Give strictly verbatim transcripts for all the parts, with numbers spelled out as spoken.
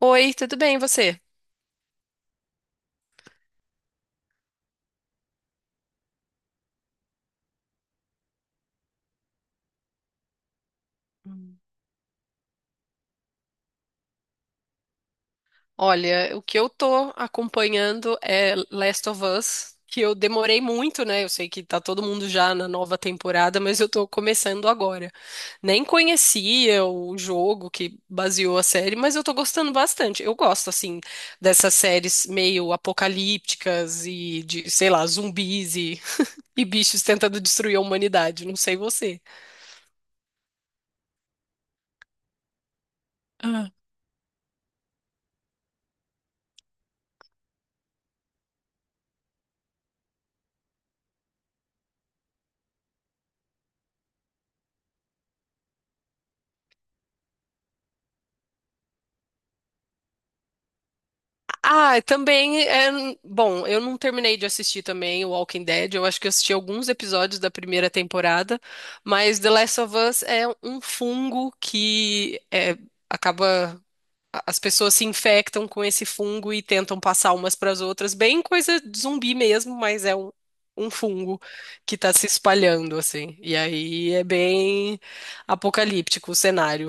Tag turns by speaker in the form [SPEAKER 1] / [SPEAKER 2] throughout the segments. [SPEAKER 1] Oi, tudo bem, e você? Hum. Olha, o que eu tô acompanhando é Last of Us, que eu demorei muito, né? Eu sei que tá todo mundo já na nova temporada, mas eu tô começando agora. Nem conhecia o jogo que baseou a série, mas eu tô gostando bastante. Eu gosto, assim, dessas séries meio apocalípticas e de, sei lá, zumbis e, e bichos tentando destruir a humanidade. Não sei você. Ah, também é. Bom, eu não terminei de assistir também o Walking Dead. Eu acho que eu assisti alguns episódios da primeira temporada, mas The Last of Us é um fungo que é, acaba. As pessoas se infectam com esse fungo e tentam passar umas para as outras. Bem coisa de zumbi mesmo, mas é um, um fungo que tá se espalhando, assim. E aí é bem apocalíptico o cenário.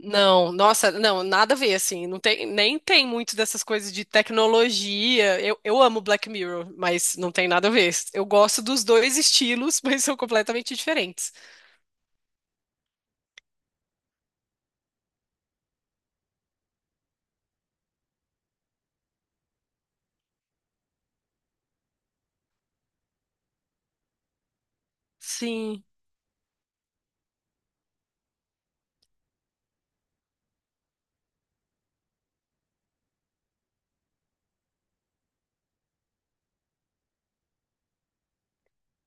[SPEAKER 1] Não, nossa, não, nada a ver, assim, não tem, nem tem muito dessas coisas de tecnologia. Eu, eu amo Black Mirror, mas não tem nada a ver. Eu gosto dos dois estilos, mas são completamente diferentes. Sim.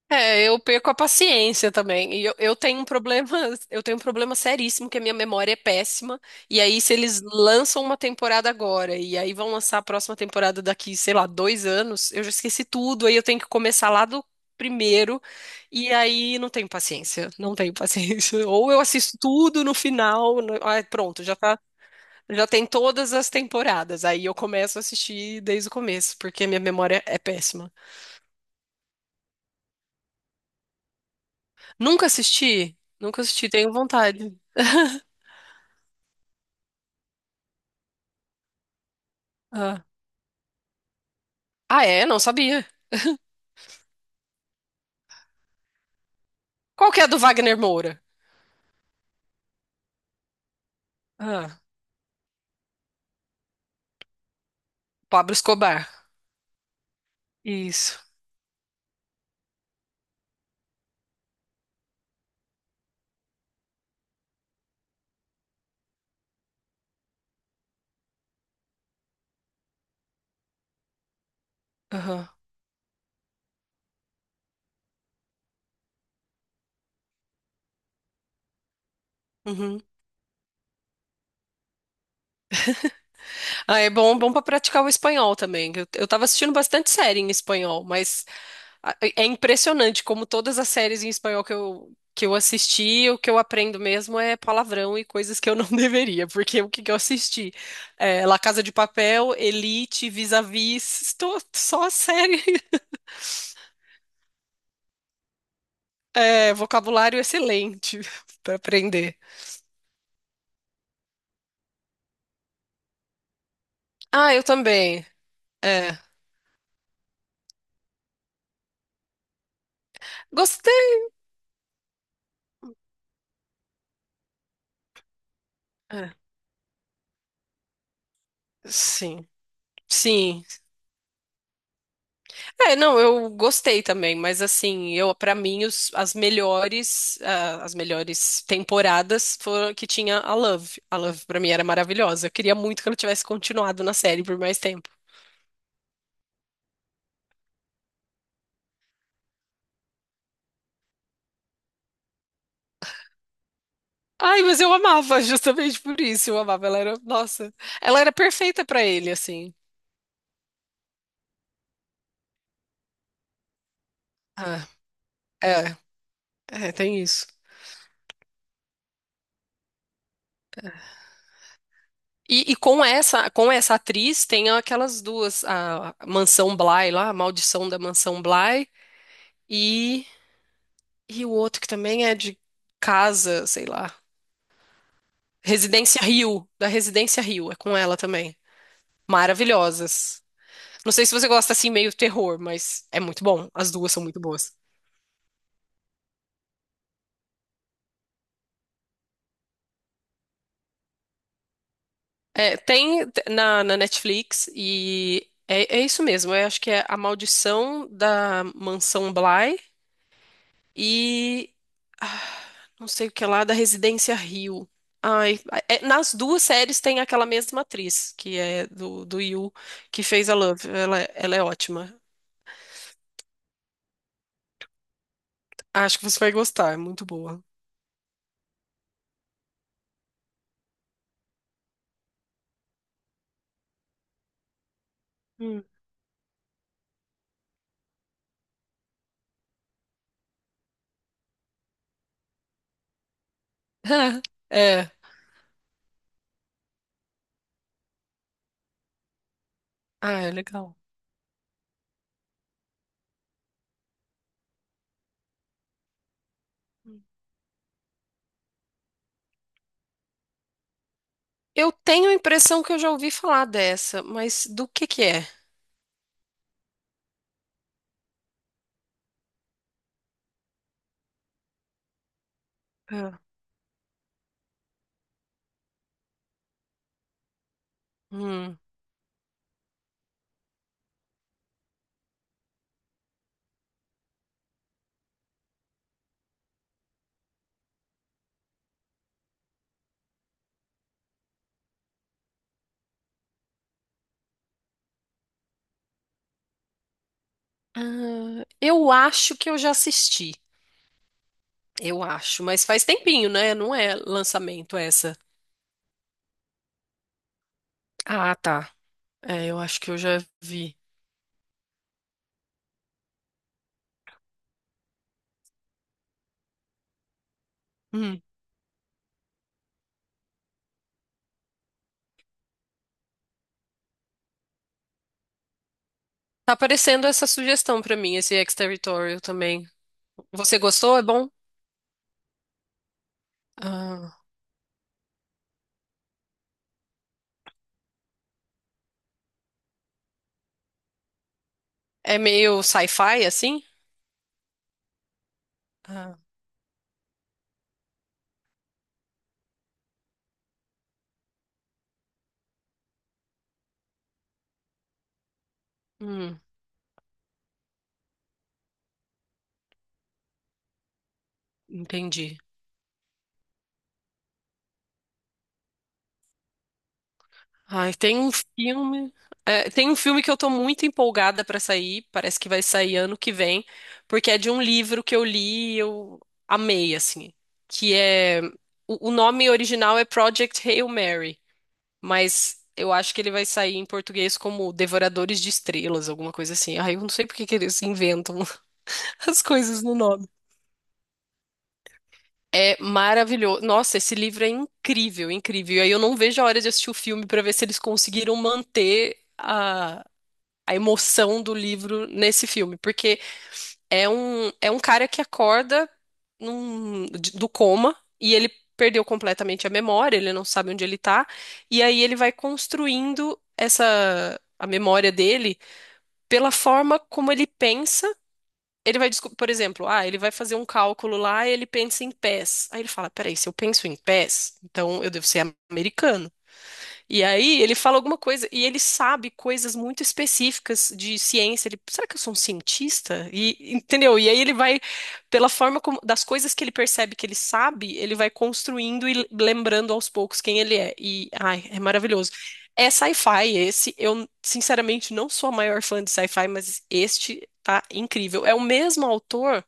[SPEAKER 1] É, eu perco a paciência também. E eu, eu tenho um problema, eu tenho um problema seríssimo que a minha memória é péssima. E aí, se eles lançam uma temporada agora e aí vão lançar a próxima temporada daqui, sei lá, dois anos, eu já esqueci tudo. Aí eu tenho que começar lá do primeiro. E aí não tenho paciência, não tenho paciência. Ou eu assisto tudo no final, no- ah, pronto, já tá, já tem todas as temporadas. Aí eu começo a assistir desde o começo, porque a minha memória é péssima. Nunca assisti. Nunca assisti, tenho vontade. Ah, ah é? Não sabia. Qual que é a do Wagner Moura? Ah, Pablo Escobar. Isso. Aham. Uhum. Ah, é bom, bom para praticar o espanhol também. Eu, eu tava assistindo bastante série em espanhol, mas ah, é é impressionante como todas as séries em espanhol que eu, que eu assisti, o que eu aprendo mesmo é palavrão e coisas que eu não deveria, porque o que que eu assisti? É, La Casa de Papel, Elite, Vis-a-Vis, tô- só série. É, vocabulário excelente para aprender. Ah, eu também. É. Gostei. É, sim. Sim. É, não, eu gostei também, mas assim, eu para mim os- as melhores ah, as melhores temporadas foram que tinha a Love. A Love para mim era maravilhosa. Eu queria muito que ela tivesse continuado na série por mais tempo. Ai, mas eu amava justamente por isso. Eu amava, ela era, nossa, ela era perfeita para ele assim. Ah, é, é, tem isso. E, e com essa, com essa atriz tem aquelas duas, a Mansão Bly lá, a Maldição da Mansão Bly e, e o outro que também é de casa, sei lá, Residência Rio, da Residência Rio, é com ela também. Maravilhosas. Não sei se você gosta assim meio terror, mas é muito bom. As duas são muito boas. É, tem na, na Netflix e é, é isso mesmo. Eu acho que é A Maldição da Mansão Bly e ah, não sei o que lá da Residência Rio. Ai, é- nas duas séries tem aquela mesma atriz, que é do, do Yu, que fez a Love. Ela, ela é ótima. Acho que você vai gostar, é muito boa. Hum. É. Ah, é legal. Eu tenho a impressão que eu já ouvi falar dessa, mas do que que é? Ah, hum. Ah, eu acho que eu já assisti. Eu acho, mas faz tempinho, né? Não é lançamento essa. Ah, tá. É, eu acho que eu já vi. Hum. Tá aparecendo essa sugestão pra mim, esse Exterritorial também. Você gostou? É bom? Ah, é meio sci-fi, assim? Ah, hum, entendi. Ai, tem um filme, é, tem um filme que eu tô muito empolgada pra sair. Parece que vai sair ano que vem, porque é de um livro que eu li e eu amei, assim. Que é. O, o nome original é Project Hail Mary, mas eu acho que ele vai sair em português como Devoradores de Estrelas, alguma coisa assim. Ai, eu não sei por que que eles inventam as coisas no nome. É maravilhoso. Nossa, esse livro é incrível, incrível. E aí eu não vejo a hora de assistir o filme para ver se eles conseguiram manter a, a emoção do livro nesse filme, porque É um, é um cara que acorda num- de- do coma e ele perdeu completamente a memória, ele não sabe onde ele tá, e aí ele vai construindo essa a memória dele pela forma como ele pensa. Ele vai, desco- por exemplo, ah, ele vai fazer um cálculo lá e ele pensa em pés. Aí ele fala, peraí, se eu penso em pés, então eu devo ser americano. E aí ele fala alguma coisa e ele sabe coisas muito específicas de ciência. Ele, será que eu sou um cientista? E entendeu? E aí ele vai, pela forma como, das coisas que ele percebe que ele sabe, ele vai construindo e lembrando aos poucos quem ele é. E ai, é maravilhoso. É sci-fi esse. Eu sinceramente não sou a maior fã de sci-fi, mas este tá incrível. É o mesmo autor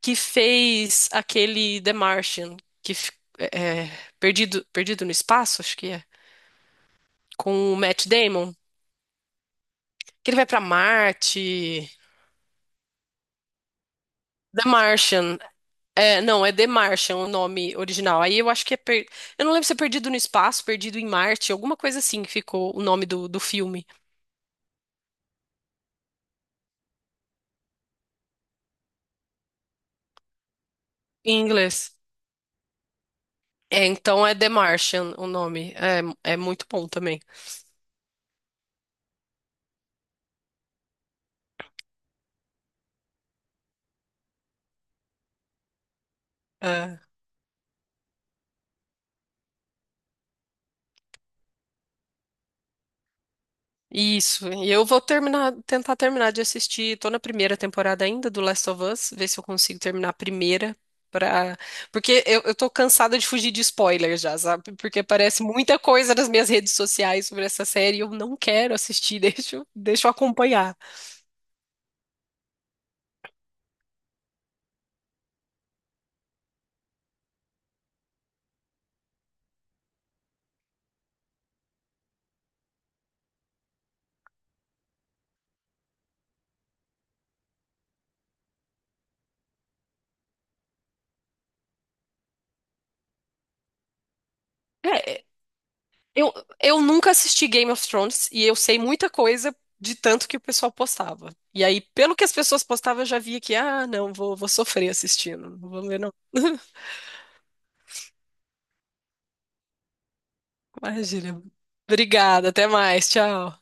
[SPEAKER 1] que fez aquele The Martian, que fi- é, é, Perdido, Perdido, no Espaço, acho que é com o Matt Damon, que ele vai pra Marte. The Martian. É, não, é The Martian o nome original. Aí eu acho que é. per- Eu não lembro se é Perdido no Espaço, Perdido em Marte, alguma coisa assim que ficou o nome do, do filme em inglês. É, então é The Martian o nome. É, é muito bom também. É. Isso, e eu vou terminar, tentar terminar de assistir. Tô na primeira temporada ainda do Last of Us, ver se eu consigo terminar a primeira para, porque eu, eu tô cansada de fugir de spoilers já, sabe? Porque aparece muita coisa nas minhas redes sociais sobre essa série e eu não quero assistir, deixa, eu- deixa eu acompanhar. É, eu, eu nunca assisti Game of Thrones e eu sei muita coisa de tanto que o pessoal postava. E aí, pelo que as pessoas postavam, eu já via que, ah, não, vou, vou sofrer assistindo, não vou ver não. Imagina. Obrigada, até mais. Tchau.